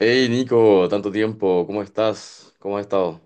Hey Nico, tanto tiempo, ¿cómo estás? ¿Cómo has estado?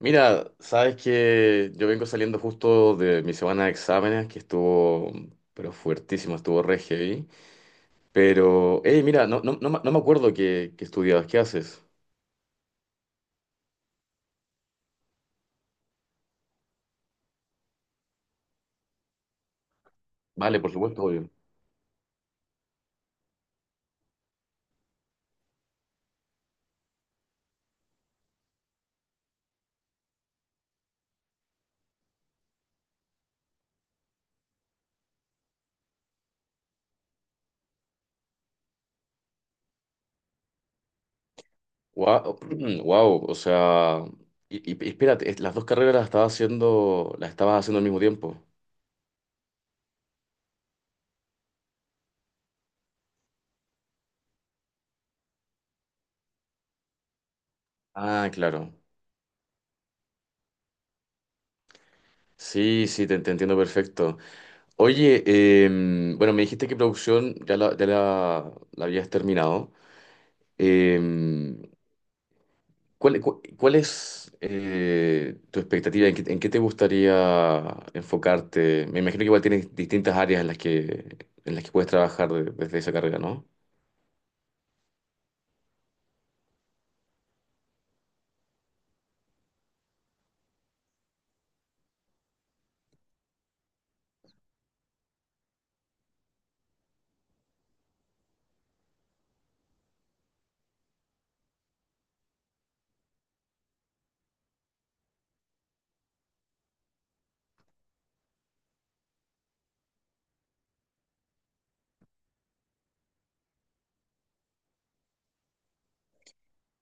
Mira, sabes que yo vengo saliendo justo de mi semana de exámenes, que estuvo, pero fuertísima, estuvo re heavy. Pero, hey, mira, no, no, no, me no me acuerdo qué estudiabas, ¿qué haces? Vale, por supuesto, obvio. Wow, o sea, y espérate, las dos carreras las estabas haciendo al mismo tiempo. Ah, claro. Sí, sí, te entiendo perfecto. Oye, bueno, me dijiste que producción ya la habías terminado. Em, ¿ cuál es tu expectativa? En qué te gustaría enfocarte? Me imagino que igual tienes distintas áreas en las que puedes trabajar desde esa carrera, ¿no?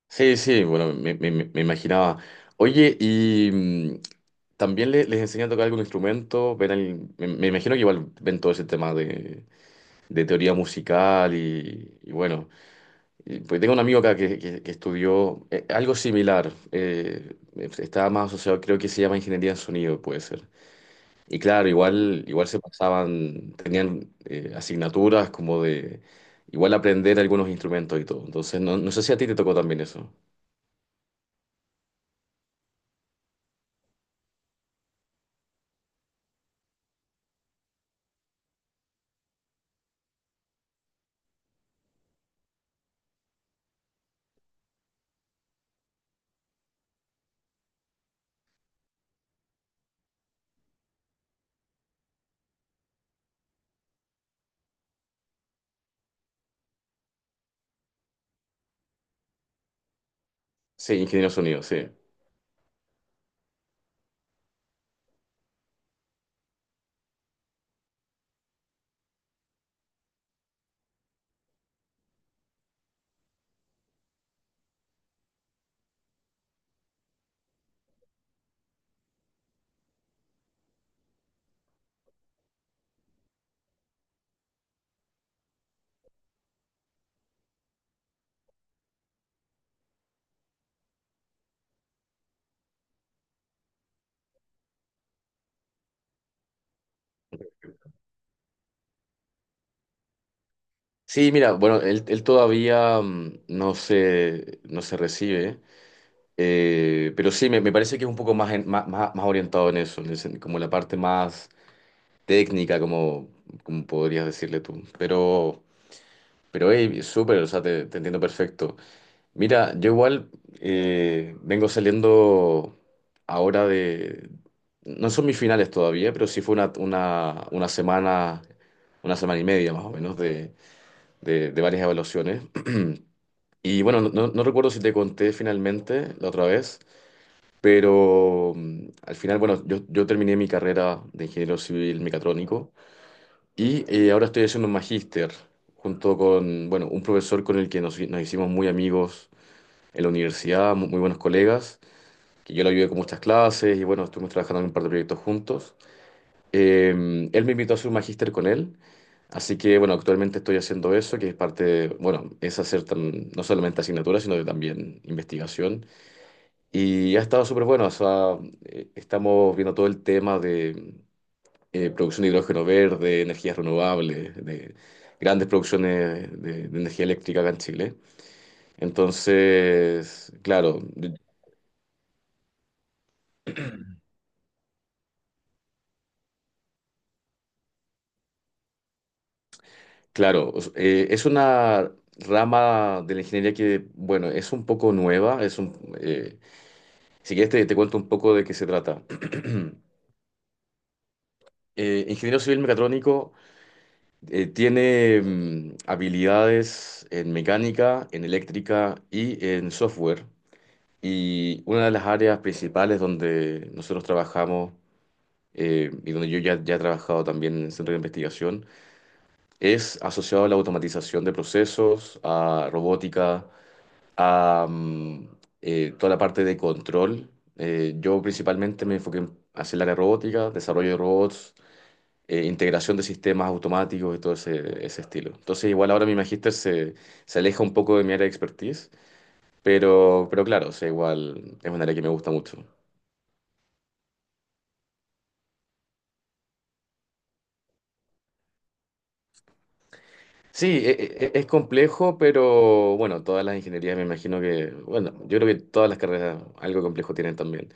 Sí, sí, bueno, me imaginaba. Oye, y también les enseñan a tocar algún instrumento, me, me imagino que igual ven todo ese tema de teoría musical y bueno. Pues tengo un amigo acá que estudió algo similar. Estaba más asociado, creo que se llama ingeniería en sonido, puede ser. Y claro, igual, igual se pasaban, tenían asignaturas como de igual aprender algunos instrumentos y todo. Entonces, no, no sé si a ti te tocó también eso. Sí, ingeniero en sonido, sí. Sí, mira, bueno, él todavía no se recibe, pero sí, me parece que es un poco más, más orientado en eso, en el sen- como la parte más técnica, como, como podrías decirle tú. Pero hey, súper, o sea, te entiendo perfecto. Mira, yo igual vengo saliendo ahora de... No son mis finales todavía, pero sí fue una semana y media más o menos de varias evaluaciones. Y bueno, no recuerdo si te conté finalmente la otra vez, pero al final, bueno, yo terminé mi carrera de ingeniero civil mecatrónico. Y ahora estoy haciendo un magíster junto con, bueno, un profesor con el que nos hicimos muy amigos en la universidad, muy buenos colegas, que yo lo ayudé con muchas clases y bueno, estuvimos trabajando en un par de proyectos juntos. Él me invitó a hacer un magíster con él, así que bueno, actualmente estoy haciendo eso, que es parte, de- bueno, es no solamente asignaturas, sino que también investigación. Y ha estado súper bueno, o sea, estamos viendo todo el tema de producción de hidrógeno verde, energías renovables, de grandes producciones de energía eléctrica acá en Chile. Entonces, claro, de- claro, es una rama de la ingeniería que, bueno, es un poco nueva, es un, eh, si quieres te cuento un poco de qué se trata. Ingeniero civil mecatrónico tiene habilidades en mecánica, en eléctrica y en software. Y una de las áreas principales donde nosotros trabajamos y donde yo ya he trabajado también en el centro de investigación es asociado a la automatización de procesos, a robótica, a toda la parte de control. Yo principalmente me enfoqué en hacer el área robótica, desarrollo de robots, integración de sistemas automáticos y todo ese estilo. Entonces igual ahora mi magíster se aleja un poco de mi área de expertise, pero claro, o sea, igual es un área que me gusta mucho. Sí, es complejo, pero bueno, todas las ingenierías me imagino que, bueno, yo creo que todas las carreras algo complejo tienen también.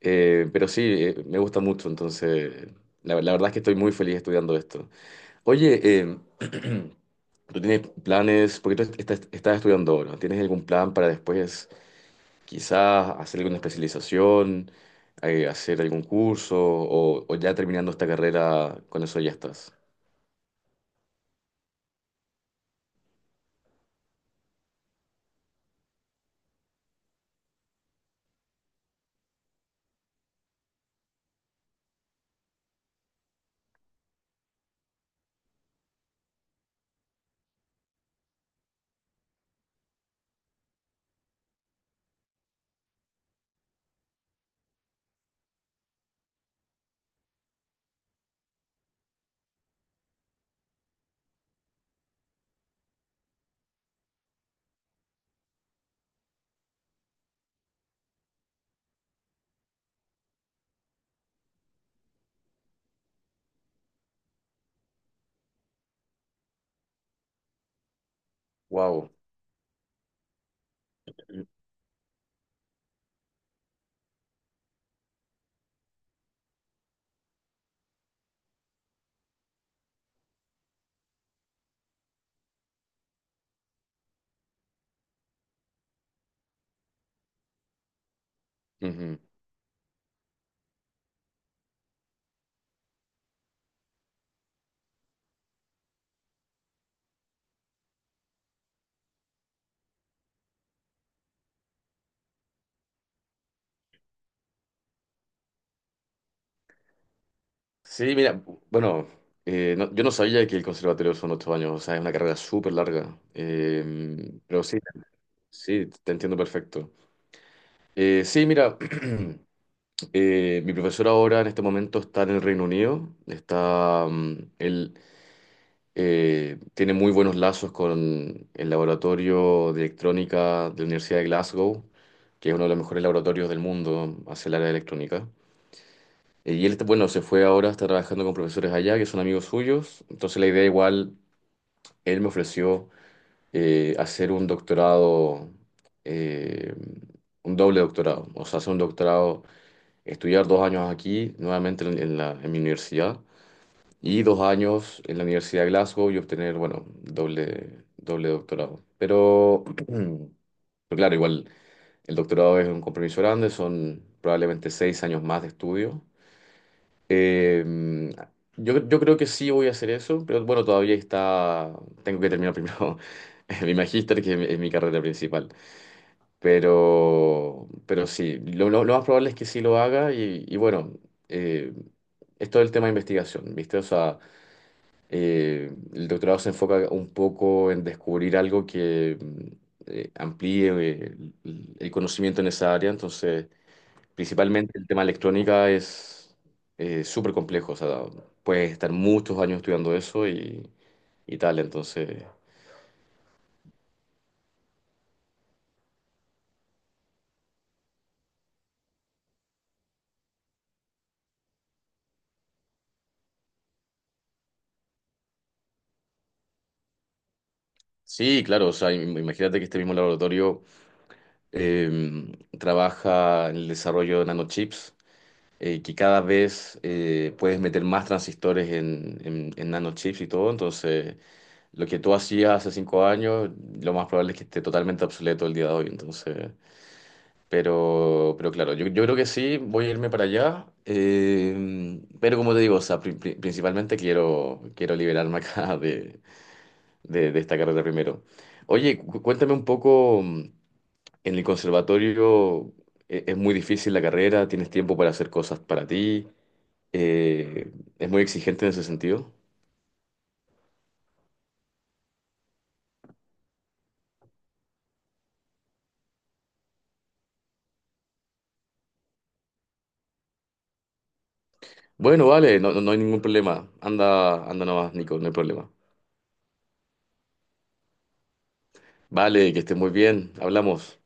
Pero sí, me gusta mucho, entonces la verdad es que estoy muy feliz estudiando esto. Oye, ¿tú tienes planes? Porque tú estás, estás estudiando ahora, ¿no? ¿Tienes algún plan para después quizás hacer alguna especialización, hacer algún curso o ya terminando esta carrera, con eso ya estás? Wow. Sí, mira, bueno, yo no sabía que el conservatorio son 8 años, o sea, es una carrera súper larga. Pero sí, sí, te entiendo perfecto. Sí, mira, mi profesor ahora en este momento está en el Reino Unido, está, él tiene muy buenos lazos con el laboratorio de electrónica de la Universidad de Glasgow, que es uno de los mejores laboratorios del mundo hacia el área de electrónica. Y él, bueno, se fue ahora, está trabajando con profesores allá, que son amigos suyos. Entonces la idea igual, él me ofreció hacer un doctorado, eh, un doble doctorado. O sea, hacer un doctorado, estudiar 2 años aquí, nuevamente en mi universidad, y 2 años en la Universidad de Glasgow y obtener, bueno, doble doctorado. Pero, pero claro, igual el doctorado es un compromiso grande, son probablemente 6 años más de estudio. Eh, yo yo creo que sí voy a hacer eso, pero bueno, todavía está, tengo que terminar primero mi magíster, que es es mi carrera principal. Pero sí, lo más probable es que sí lo haga y bueno, eh, es todo el tema de investigación, ¿viste? O sea, el doctorado se enfoca un poco en descubrir algo que amplíe el conocimiento en esa área, entonces... Principalmente el tema electrónica es súper complejo, o sea, puedes estar muchos años estudiando eso y tal, entonces... Sí, claro, o sea, imagínate que este mismo laboratorio eh, trabaja en el desarrollo de nanochips, que cada vez puedes meter más transistores en nanochips y todo, entonces lo que tú hacías hace 5 años, lo más probable es que esté totalmente obsoleto el día de hoy, entonces... pero claro, yo creo que sí, voy a irme para allá. Pero como te digo, o sea, principalmente quiero liberarme acá de, de esta carrera primero. Oye, cuéntame un poco, en el conservatorio es muy difícil la carrera, tienes tiempo para hacer cosas para ti, eh, es muy exigente en ese sentido. Bueno, vale, no no hay ningún problema. Anda, anda nomás, Nico, no hay problema. Vale, que estés muy bien, hablamos.